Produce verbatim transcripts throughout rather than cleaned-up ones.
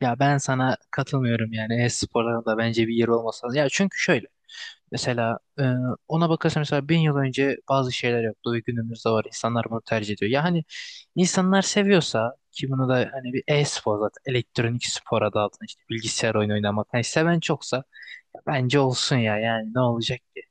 Ya ben sana katılmıyorum yani e-sporların da bence bir yeri olmasa. Ya çünkü şöyle mesela e, ona bakarsan mesela bin yıl önce bazı şeyler yoktu ve günümüzde var. İnsanlar bunu tercih ediyor. Ya hani insanlar seviyorsa ki bunu da hani bir e-spor zaten elektronik spor adı altında işte bilgisayar oyunu oynamak. Hani seven çoksa ya bence olsun ya yani ne olacak ki?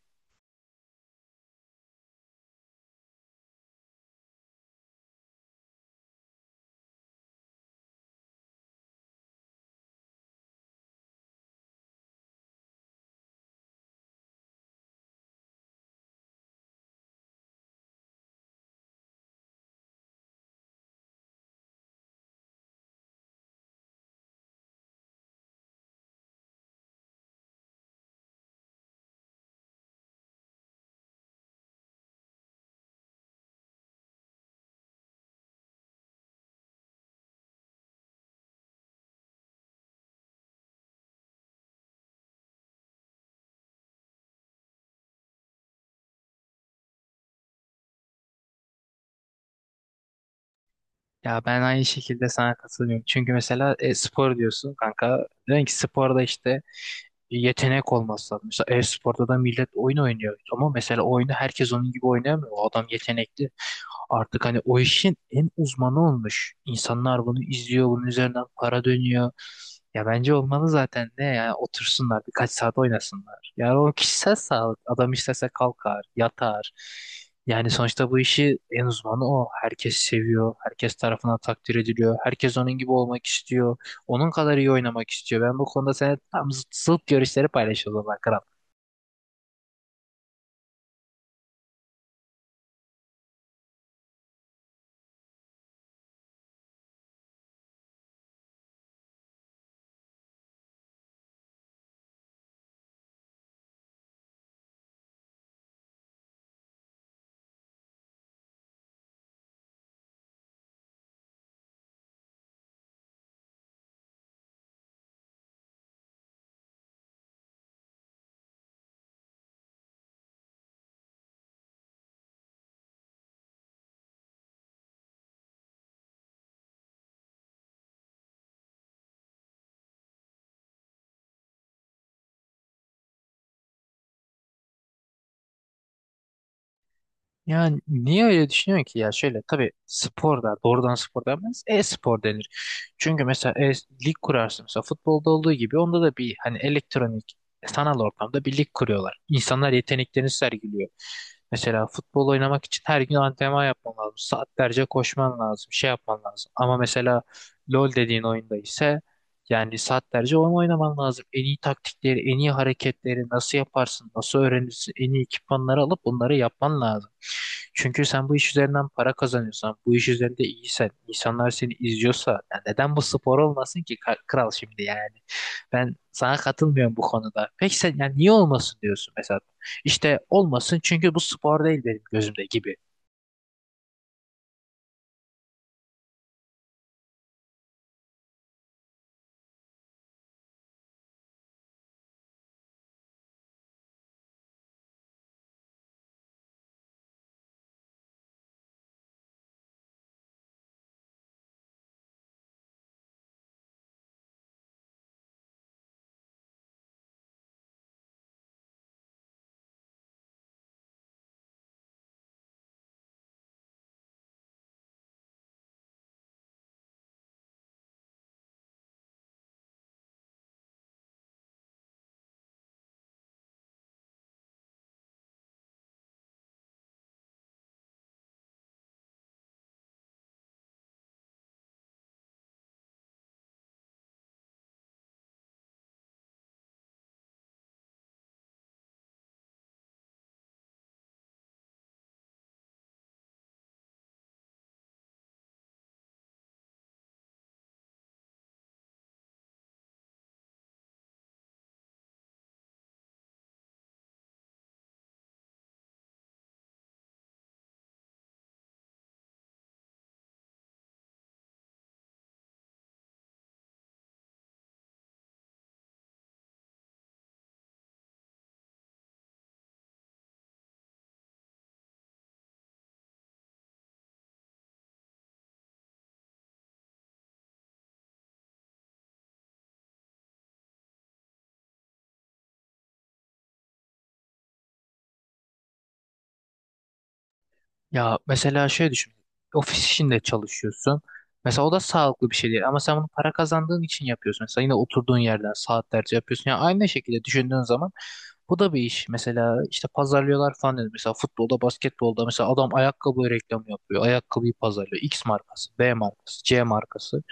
Ya ben aynı şekilde sana katılıyorum. Çünkü mesela e, spor diyorsun kanka. Diyorsun ki sporda işte yetenek olması lazım. Mesela e-sporda da millet oyun oynuyor. Ama mesela oyunu herkes onun gibi oynayamıyor. O adam yetenekli. Artık hani o işin en uzmanı olmuş. İnsanlar bunu izliyor, bunun üzerinden para dönüyor. Ya bence olmalı zaten de yani otursunlar birkaç saat oynasınlar. Yani o kişisel sağlık. Adam istese kalkar, yatar. Yani sonuçta bu işi en uzmanı o. Herkes seviyor, herkes tarafından takdir ediliyor. Herkes onun gibi olmak istiyor. Onun kadar iyi oynamak istiyor. Ben bu konuda seninle tam zıt, zıt görüşleri paylaşıyorum. Yani niye öyle düşünüyorsun ki ya şöyle tabii sporda doğrudan spor denmez e-spor denir. Çünkü mesela e, lig kurarsın mesela futbolda olduğu gibi onda da bir hani elektronik sanal ortamda bir lig kuruyorlar. İnsanlar yeteneklerini sergiliyor. Mesela futbol oynamak için her gün antrenman yapman lazım. Saatlerce koşman lazım, şey yapman lazım. Ama mesela LoL dediğin oyunda ise yani saatlerce oyun oynaman lazım. En iyi taktikleri, en iyi hareketleri nasıl yaparsın, nasıl öğrenirsin, en iyi ekipmanları alıp bunları yapman lazım. Çünkü sen bu iş üzerinden para kazanıyorsan, bu iş üzerinde iyisen, insanlar seni izliyorsa, ya neden bu spor olmasın ki ka- kral şimdi yani? Ben sana katılmıyorum bu konuda. Peki sen yani niye olmasın diyorsun mesela? İşte olmasın çünkü bu spor değil benim gözümde gibi. Ya mesela şöyle düşün. Ofis işinde çalışıyorsun. Mesela o da sağlıklı bir şey değil ama sen bunu para kazandığın için yapıyorsun. Mesela yine oturduğun yerden saatlerce yapıyorsun. Yani aynı şekilde düşündüğün zaman bu da bir iş. Mesela işte pazarlıyorlar falan dedim. Mesela futbolda, basketbolda mesela adam ayakkabı reklamı yapıyor. Ayakkabıyı pazarlıyor. X markası, B markası, C markası.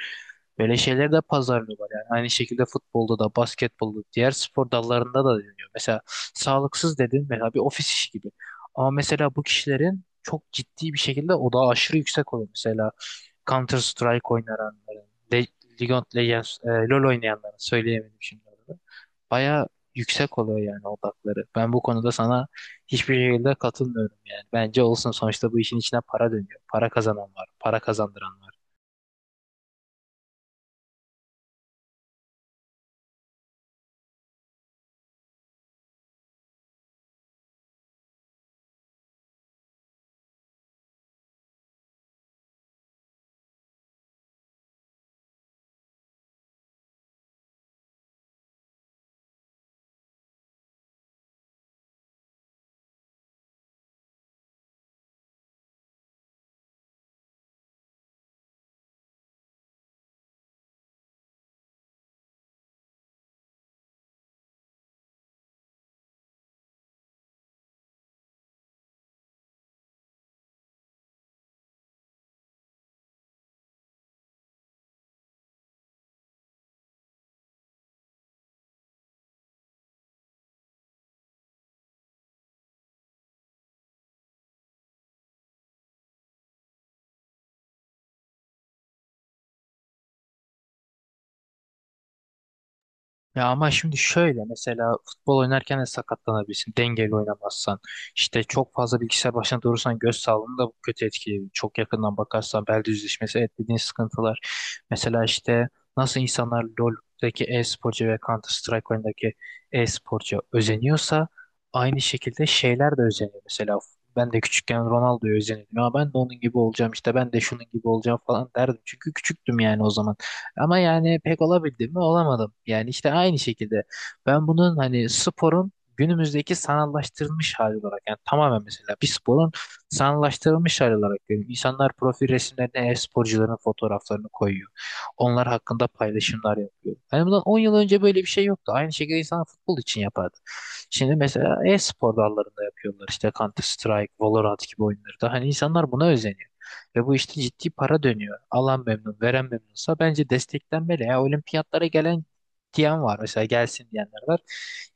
Böyle şeyleri de pazarlıyorlar yani. Aynı şekilde futbolda da, basketbolda, diğer spor dallarında da deniyor. Mesela sağlıksız dedin mesela bir ofis işi gibi. Ama mesela bu kişilerin çok ciddi bir şekilde odağı aşırı yüksek oluyor. Mesela Counter Strike oynayanların, Le League of Legends, e, LoL oynayanların söyleyemedim şimdi orada. Baya yüksek oluyor yani odakları. Ben bu konuda sana hiçbir şekilde katılmıyorum yani. Bence olsun sonuçta bu işin içine para dönüyor. Para kazanan var, para kazandıran var. Ya ama şimdi şöyle mesela futbol oynarken de sakatlanabilirsin dengeli oynamazsan. İşte çok fazla bilgisayar başına durursan göz sağlığını da bu kötü etkileyebilir. Çok yakından bakarsan bel düzleşmesi evet dediğin sıkıntılar. Mesela işte nasıl insanlar LoL'deki e-sporcu ve Counter Strike oyundaki e-sporcu özeniyorsa aynı şekilde şeyler de özeniyor. Mesela ben de küçükken Ronaldo'ya özeniyordum. Ya ben de onun gibi olacağım işte ben de şunun gibi olacağım falan derdim. Çünkü küçüktüm yani o zaman. Ama yani pek olabildim mi? Olamadım. Yani işte aynı şekilde ben bunun hani sporun günümüzdeki sanallaştırılmış hali olarak yani tamamen mesela bir sporun sanallaştırılmış hali olarak görüyorum. İnsanlar profil resimlerine e-sporcuların fotoğraflarını koyuyor. Onlar hakkında paylaşımlar yapıyor. Yani bundan on yıl önce böyle bir şey yoktu. Aynı şekilde insan futbol için yapardı. Şimdi mesela e-spor dallarında yapıyorlar, işte Counter Strike, Valorant gibi oyunlarda. Hani insanlar buna özeniyor. Ve bu işte ciddi para dönüyor. Alan memnun, veren memnunsa bence desteklenmeli. Ya olimpiyatlara gelen diyen var. Mesela gelsin diyenler var.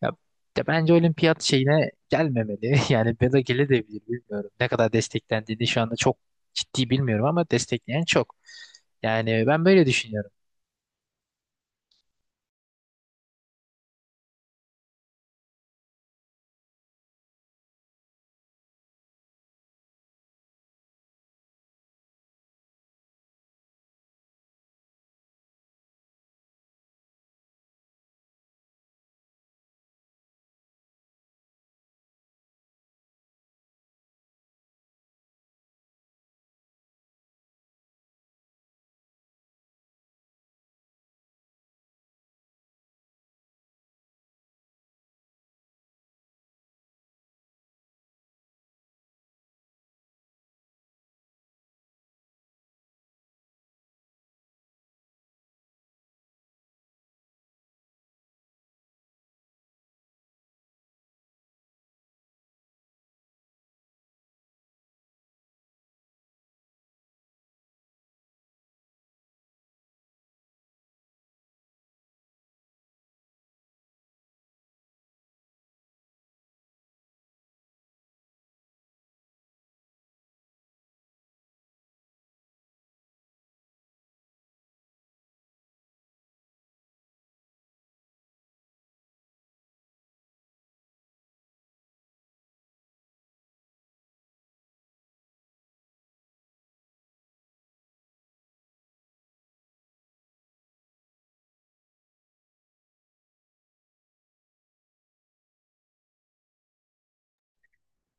Ya, de bence olimpiyat şeyine gelmemeli. Yani ya da gelebilir bilmiyorum. Ne kadar desteklendiğini şu anda çok ciddi bilmiyorum ama destekleyen çok. Yani ben böyle düşünüyorum.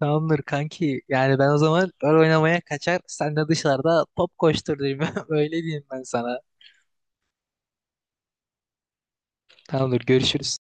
Tamamdır kanki. Yani ben o zaman rol oynamaya kaçar. Sen de dışarıda top koştur diyeyim. Öyle diyeyim ben sana. Tamamdır görüşürüz.